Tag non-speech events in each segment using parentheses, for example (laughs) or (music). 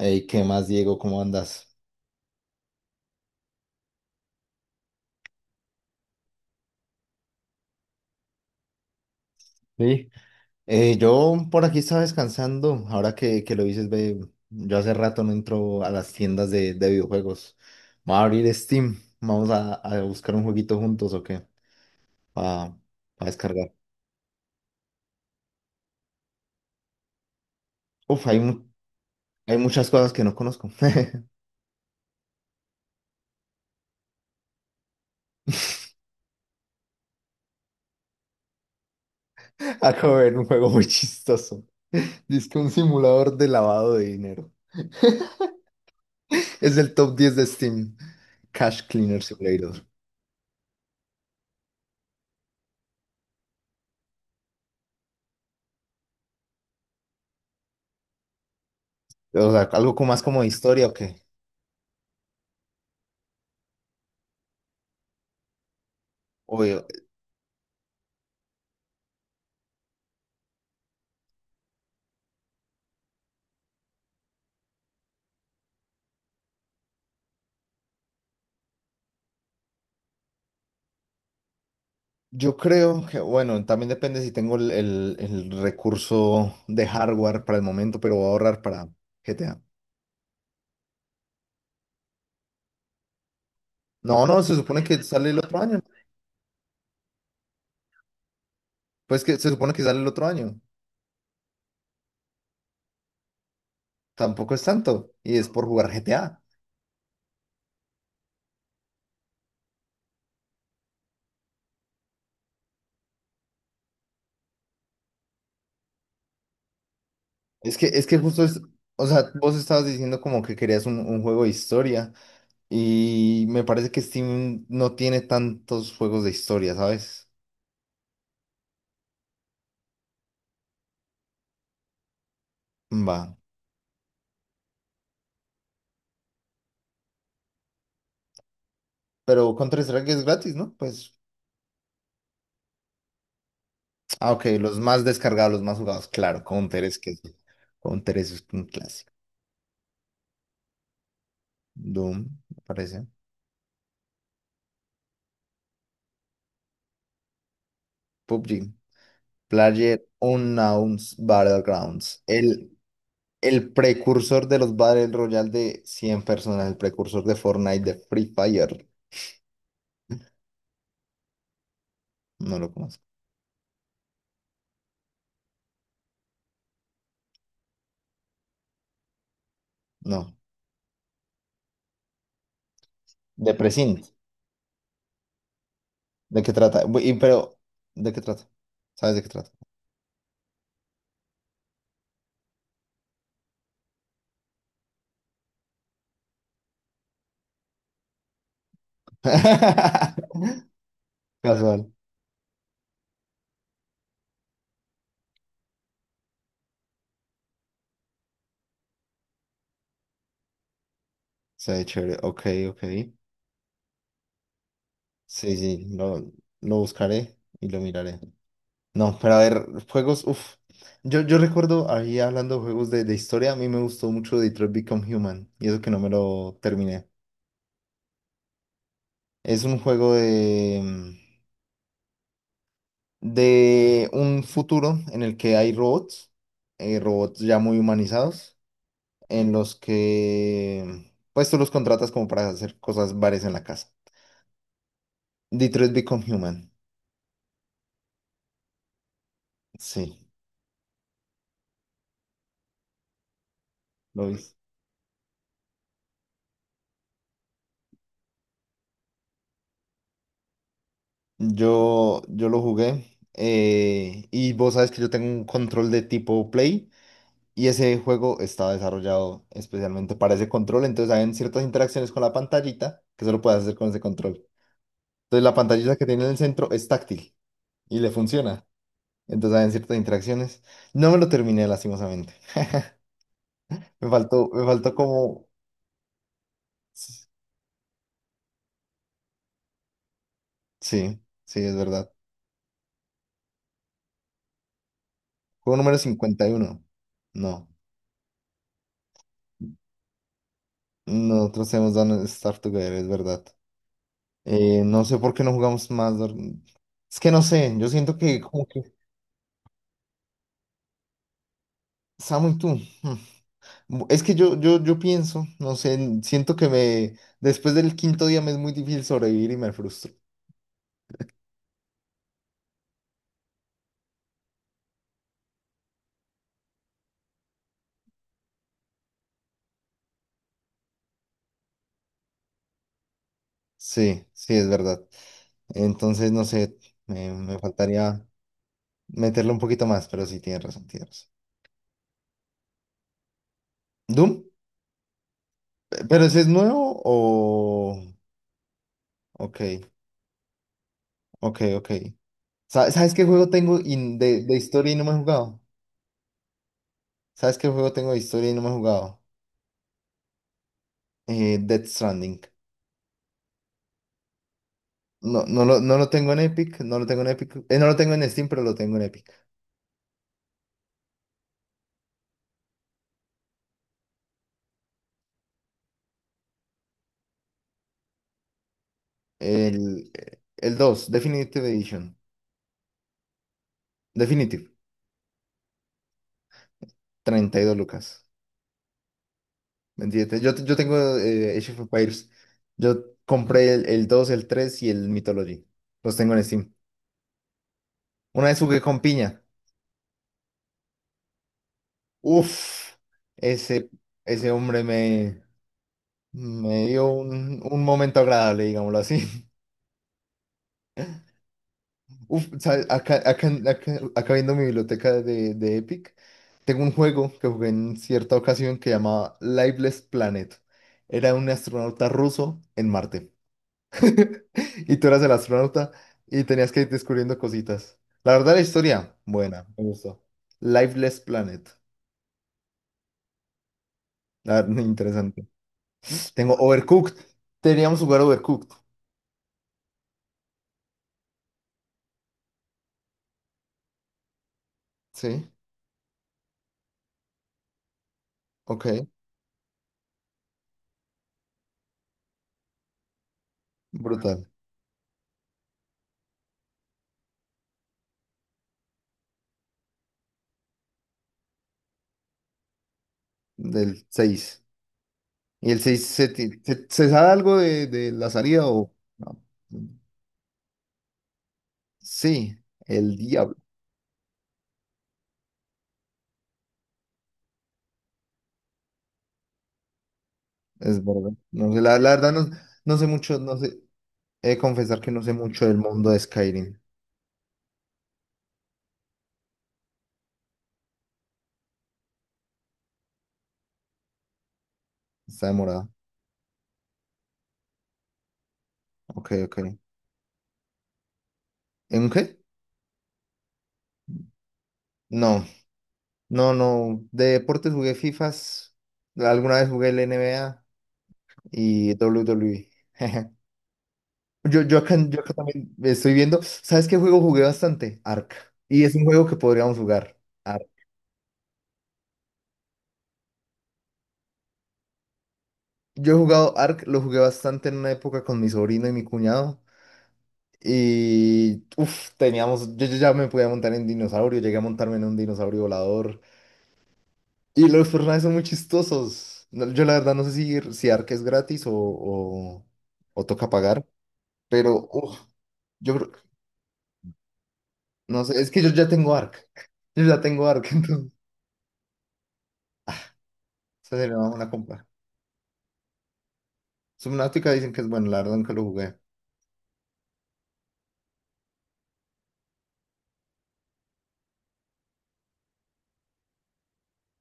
Ey, ¿qué más, Diego? ¿Cómo andas? Sí. Yo por aquí estaba descansando. Ahora que lo dices, ve, yo hace rato no entro a las tiendas de videojuegos. Vamos a abrir Steam. Vamos a buscar un jueguito juntos o qué. Para descargar. Uf, hay muchas cosas que no conozco. (laughs) Acabo de ver un juego muy chistoso. Dice que un simulador de lavado de dinero. Es el top 10 de Steam. Cash Cleaner Simulator. O sea, ¿algo como más como de historia o qué? Yo creo que, bueno, también depende si tengo el recurso de hardware para el momento, pero voy a ahorrar para GTA. No, no, se supone que sale el otro año. Pues que se supone que sale el otro año. Tampoco es tanto. Y es por jugar GTA. Es que justo es, o sea, vos estabas diciendo como que querías un juego de historia. Y me parece que Steam no tiene tantos juegos de historia, ¿sabes? Va. Pero Counter-Strike es gratis, ¿no? Pues ah, ok, los más descargados, los más jugados. Claro, Counter es que sí. Counter es un clásico. Doom, me parece. PUBG. Player Unknown's Battlegrounds. El precursor de los Battle Royale de 100 personas. El precursor de Fortnite, de Free Fire. No lo conozco. No. De Precinct. ¿De qué trata? Pero, ¿de qué trata? ¿Sabes de qué trata? (laughs) Casual. Se ve chévere. Ok, ok. Sí, sí, lo buscaré y lo miraré. No, pero a ver, juegos, uff. Yo recuerdo ahí hablando de juegos de historia, a mí me gustó mucho Detroit Become Human, y eso que no me lo terminé. Es un juego de un futuro en el que hay robots, robots ya muy humanizados, en los que pues tú los contratas como para hacer cosas varias en la casa. Detroit Become Human, sí, lo viste. Yo lo jugué, y vos sabes que yo tengo un control de tipo Play. Y ese juego estaba desarrollado especialmente para ese control, entonces hay ciertas interacciones con la pantallita que solo puedes hacer con ese control. Entonces la pantallita que tiene en el centro es táctil y le funciona. Entonces hay ciertas interacciones. No me lo terminé lastimosamente. Me faltó como... Sí, sí, es verdad. Juego número 51. No, nosotros hemos dado Star Together, es verdad. No sé por qué no jugamos más. Es que no sé, yo siento que como que Samu y tú. hmm, Es que yo pienso, no sé, siento que me, después del quinto día me es muy difícil sobrevivir y me frustro. Sí, sí, es verdad. Entonces, no sé, me faltaría meterle un poquito más, pero sí, tienes razón, tienes razón. ¿Doom? ¿Pero ese es nuevo o...? Ok, ok, ok. ¿Sabes qué juego tengo de historia y no me he jugado? ¿Sabes qué juego tengo de historia y no me he jugado? Death Stranding. No, no lo tengo en Epic, no lo tengo en Epic. No lo tengo en Steam, pero lo tengo en Epic. El, el 2 Definitive Edition. Definitive, 32 lucas. 27. Yo tengo Age of Empires. Yo compré el dos, el 3 y el Mythology. Los tengo en Steam. Una vez jugué con piña. Uf, ese, ese, hombre me dio un momento agradable, digámoslo así. Uf, ¿sabes? Acá viendo mi biblioteca de Epic, tengo un juego que jugué en cierta ocasión que llamaba Lifeless Planet. Era un astronauta ruso en Marte. (laughs) Y tú eras el astronauta y tenías que ir descubriendo cositas. La verdad, la historia, buena, me gustó. Lifeless Planet. La verdad, interesante. Tengo Overcooked. Teníamos jugar Overcooked. Sí, ok. Brutal. Del seis. ¿Y el 6 se sabe algo de la salida o no? Sí, el diablo, es verdad. No sé, la verdad no, no sé mucho, no sé. He de confesar que no sé mucho del mundo de Skyrim. Está demorado. Ok, ok. ¿En qué? No, no, no. De deportes jugué FIFAs. Alguna vez jugué el NBA y WWE. (laughs) Yo acá también estoy viendo. ¿Sabes qué juego jugué bastante? Ark. Y es un juego que podríamos jugar. Yo he jugado Ark, lo jugué bastante en una época con mi sobrino y mi cuñado. Y uff, teníamos. Yo ya me podía montar en dinosaurio, llegué a montarme en un dinosaurio volador. Y los personajes son muy chistosos. No, yo la verdad no sé si Ark es gratis o toca pagar. Pero uf, yo creo- no sé, es que yo ya tengo Ark. (laughs) Yo ya tengo Ark, (laughs) entonces. O sea, sería una compra. Subnautica dicen que es bueno, la verdad nunca lo jugué.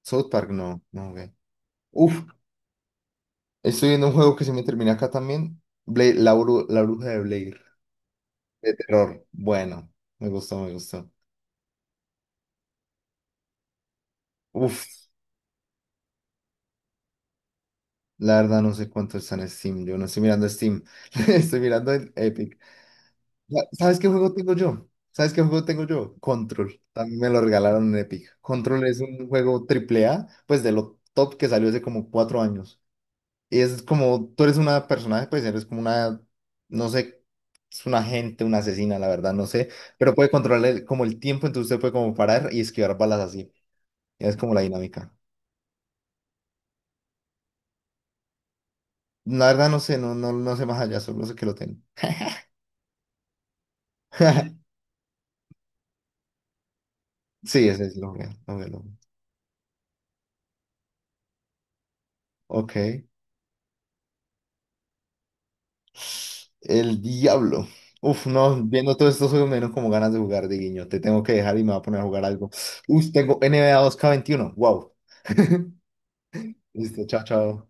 South Park no, no jugué. Uf, estoy viendo un juego que se me termina acá también. La bruja de Blair. De terror. Bueno, me gustó, me gustó. Uf, la verdad no sé cuánto está en Steam. Yo no estoy mirando Steam. (laughs) Estoy mirando en Epic. Ya, ¿sabes qué juego tengo yo? ¿Sabes qué juego tengo yo? Control. También me lo regalaron en Epic. Control es un juego triple A, pues de lo top que salió hace como 4 años. Y es como, tú eres una personaje, pues eres como una, no sé, es una agente, una asesina, la verdad, no sé, pero puede controlar el- como el tiempo, entonces usted puede como parar y esquivar balas así. Es como la dinámica. La verdad no sé, no, no, no sé más allá, solo sé que lo tengo. (laughs) Sí, ese es lo real. Ok. El diablo. Uf, no, viendo todos estos juegos me dieron como ganas de jugar de guiño. Te tengo que dejar y me voy a poner a jugar algo. Uf, tengo NBA 2K21. Wow. (laughs) Listo, chao, chao.